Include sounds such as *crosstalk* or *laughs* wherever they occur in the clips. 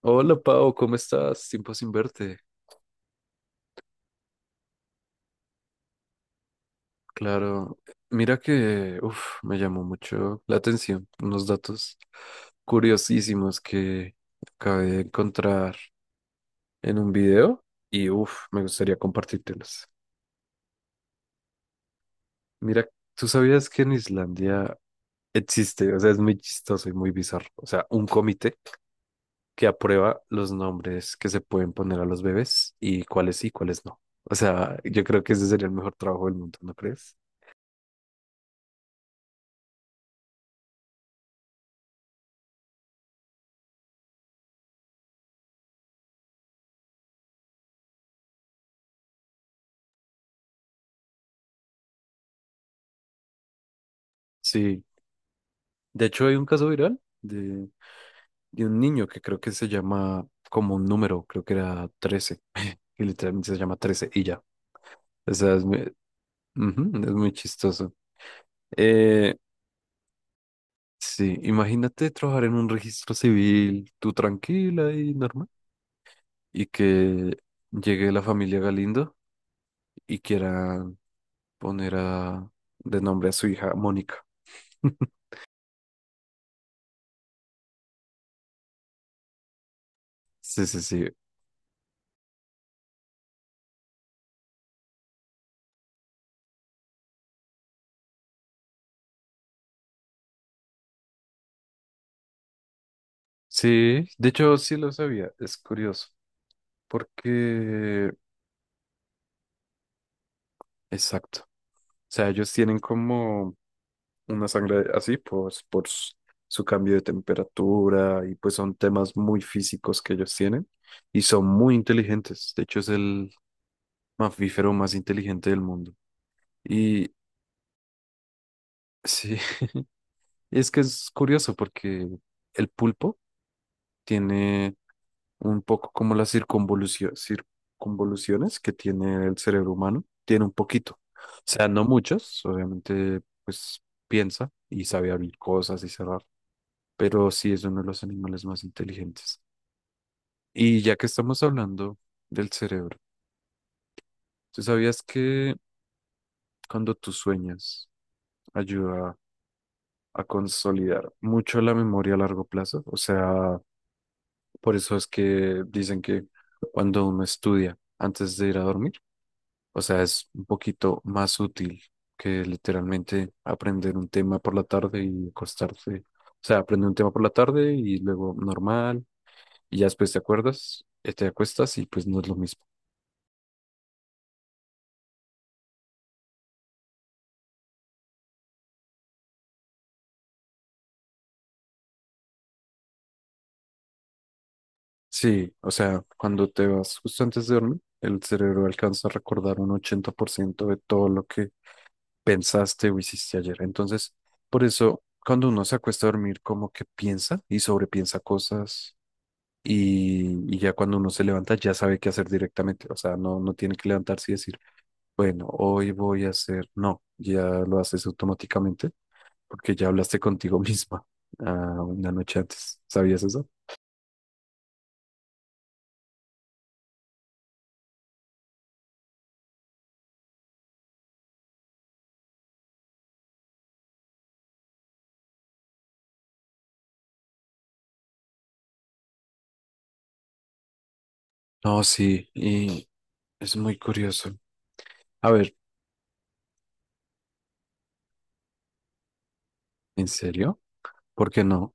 Hola Pau, ¿cómo estás? Tiempo sin verte. Claro, mira que uf, me llamó mucho la atención unos datos curiosísimos que acabé de encontrar en un video y uf, me gustaría compartírtelos. Mira, ¿tú sabías que en Islandia existe, o sea, es muy chistoso y muy bizarro, o sea, un comité que aprueba los nombres que se pueden poner a los bebés y cuáles sí, y cuáles no? O sea, yo creo que ese sería el mejor trabajo del mundo, ¿no crees? Sí. De hecho, hay un caso viral de un niño que creo que se llama como un número, creo que era trece *laughs* que literalmente se llama 13 y ya. O sea, es muy, ujú, es muy chistoso. Eh, sí, imagínate trabajar en un registro civil, tú tranquila y normal, y que llegue la familia Galindo y quieran poner a, de nombre a su hija Mónica. Sí, sí, sí. Sí, de hecho sí lo sabía, es curioso, porque... Exacto. Sea, ellos tienen como una sangre así, pues su cambio de temperatura y pues son temas muy físicos que ellos tienen y son muy inteligentes. De hecho, es el mamífero más inteligente del mundo. Y sí, *laughs* es que es curioso porque el pulpo tiene un poco como las circunvoluciones que tiene el cerebro humano, tiene un poquito. O sea, no muchos, obviamente, pues piensa y sabe abrir cosas y cerrar, pero sí es uno de los animales más inteligentes. Y ya que estamos hablando del cerebro, ¿tú sabías que cuando tú sueñas ayuda a consolidar mucho la memoria a largo plazo? O sea, por eso es que dicen que cuando uno estudia antes de ir a dormir, o sea, es un poquito más útil que literalmente aprender un tema por la tarde y acostarse. O sea, aprender un tema por la tarde y luego normal, y ya después te acuerdas, te acuestas y pues no es lo mismo. Sí, o sea, cuando te vas justo antes de dormir, el cerebro alcanza a recordar un 80% de todo lo que pensaste o hiciste ayer. Entonces, por eso, cuando uno se acuesta a dormir, como que piensa y sobrepiensa cosas y ya cuando uno se levanta, ya sabe qué hacer directamente. O sea, no, no tiene que levantarse y decir, bueno, hoy voy a hacer, no, ya lo haces automáticamente porque ya hablaste contigo *laughs* misma ah, una noche antes. ¿Sabías eso? No, sí, y es muy curioso. A ver, ¿en serio? ¿Por qué no?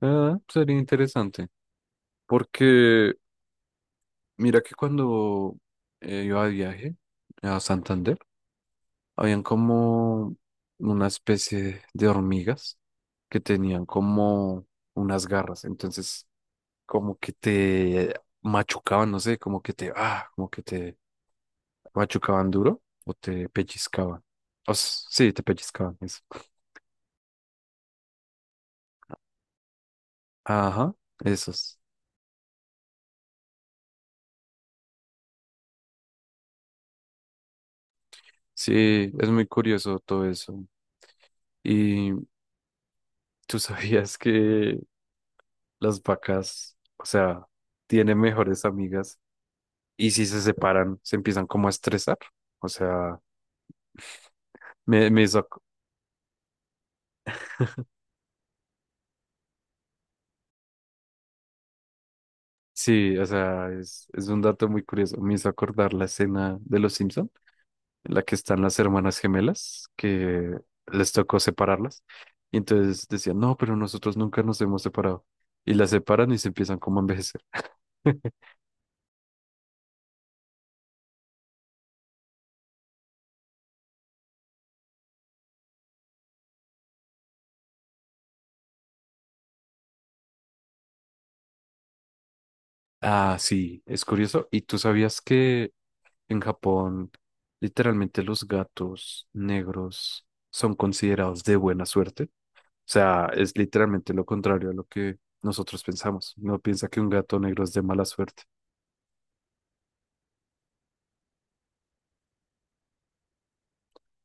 Ah, sería interesante. Porque mira que cuando iba de viaje a Santander, habían como una especie de hormigas que tenían como unas garras. Entonces, como que te machucaban, no sé, como que te, ah, como que te machucaban duro o te pellizcaban. Sí, te pellizcaban, eso. Ajá, esos. Sí, es muy curioso todo eso. Y tú *laughs* sabías que las vacas, o sea, tienen mejores amigas y si se separan, se empiezan como a estresar. O sea, me hizo, sí, o sea, es un dato muy curioso. Me hizo acordar la escena de Los Simpson en la que están las hermanas gemelas, que les tocó separarlas. Y entonces decían, no, pero nosotros nunca nos hemos separado. Y las separan y se empiezan como a envejecer. *laughs* Ah, sí, es curioso. ¿Y tú sabías que en Japón, literalmente los gatos negros son considerados de buena suerte? O sea, es literalmente lo contrario a lo que nosotros pensamos. No piensa que un gato negro es de mala suerte.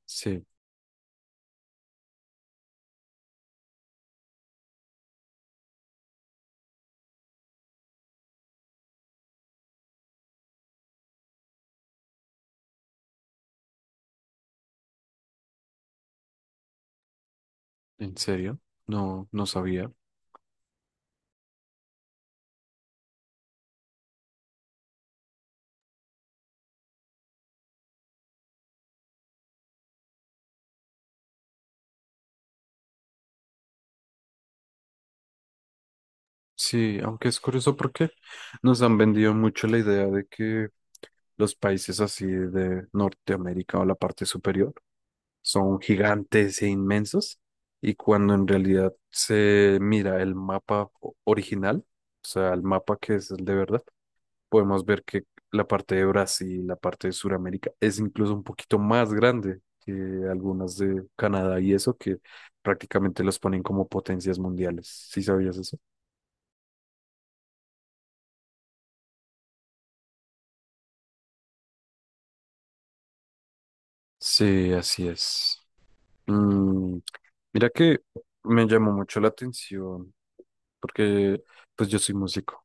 Sí, ¿en serio? No, no sabía. Sí, aunque es curioso porque nos han vendido mucho la idea de que los países así de Norteamérica o la parte superior son gigantes e inmensos y cuando en realidad se mira el mapa original, o sea, el mapa que es el de verdad, podemos ver que la parte de Brasil, la parte de Sudamérica es incluso un poquito más grande que algunas de Canadá y eso que prácticamente los ponen como potencias mundiales. ¿Sí sabías eso? Sí, así es. Mm, mira que me llamó mucho la atención porque pues yo soy músico.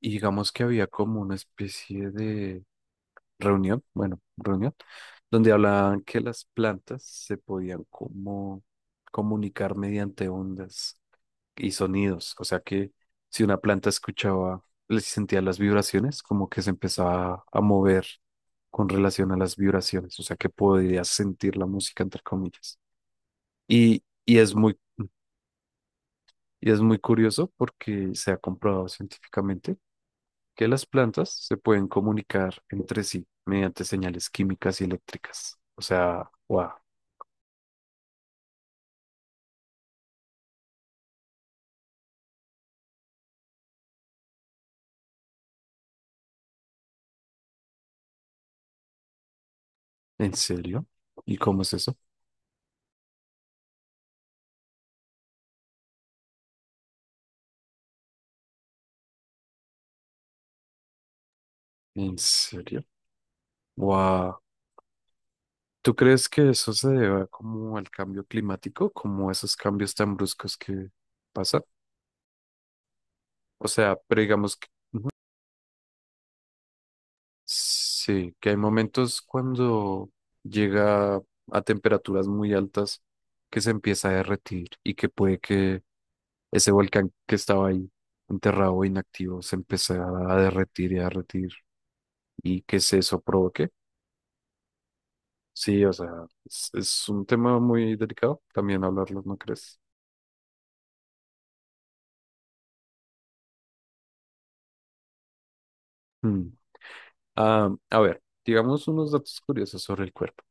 Y digamos que había como una especie de reunión, bueno, reunión, donde hablaban que las plantas se podían como comunicar mediante ondas y sonidos. O sea que si una planta escuchaba, le sentía las vibraciones, como que se empezaba a mover con relación a las vibraciones. O sea que podías sentir la música, entre comillas. Y, y es muy, y es muy curioso porque se ha comprobado científicamente que las plantas se pueden comunicar entre sí mediante señales químicas y eléctricas. O sea, wow, ¿en serio? ¿Y cómo es eso? ¿En serio? Wow. ¿Tú crees que eso se debe como al cambio climático, como esos cambios tan bruscos que pasan? O sea, pero digamos que sí, que hay momentos cuando llega a temperaturas muy altas que se empieza a derretir y que puede que ese volcán que estaba ahí enterrado, o inactivo, se empezara a derretir y que se eso provoque. Sí, o sea, es un tema muy delicado también hablarlo, ¿no crees? Mm. Ah, a ver, digamos unos datos curiosos sobre el cuerpo.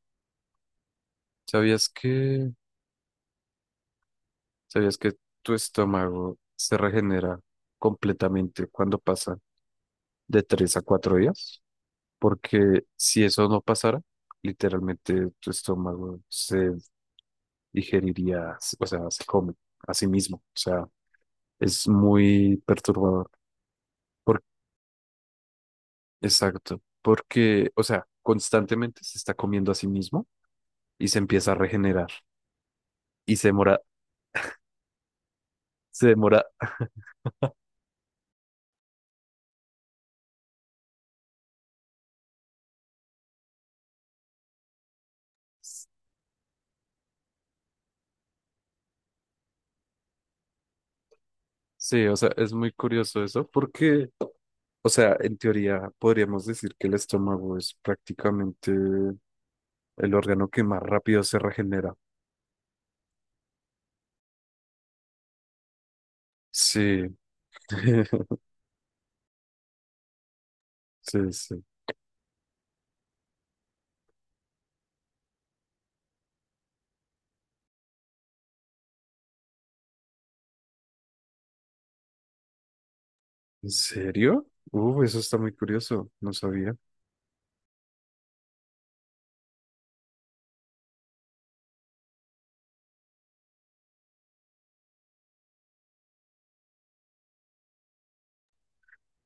¿Sabías que, ¿sabías que tu estómago se regenera completamente cuando pasa de 3 a 4 días? Porque si eso no pasara, literalmente tu estómago se digeriría, o sea, se come a sí mismo. O sea, es muy perturbador. Por- exacto, porque, o sea, constantemente se está comiendo a sí mismo y se empieza a regenerar y se demora. Sí, o sea, es muy curioso eso porque, o sea, en teoría podríamos decir que el estómago es prácticamente el órgano que más rápido se regenera. Sí, *laughs* sí, sí. ¿En serio? Eso está muy curioso, no sabía.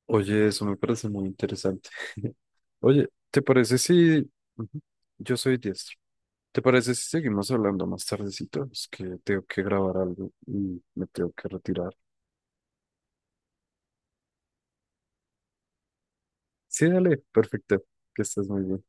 Oye, eso me parece muy interesante. *laughs* Oye, ¿te parece si... Ujú, yo soy diestro. ¿Te parece si seguimos hablando más tardecito? Es que tengo que grabar algo y me tengo que retirar. Sí, dale, perfecto. Que estés muy bien.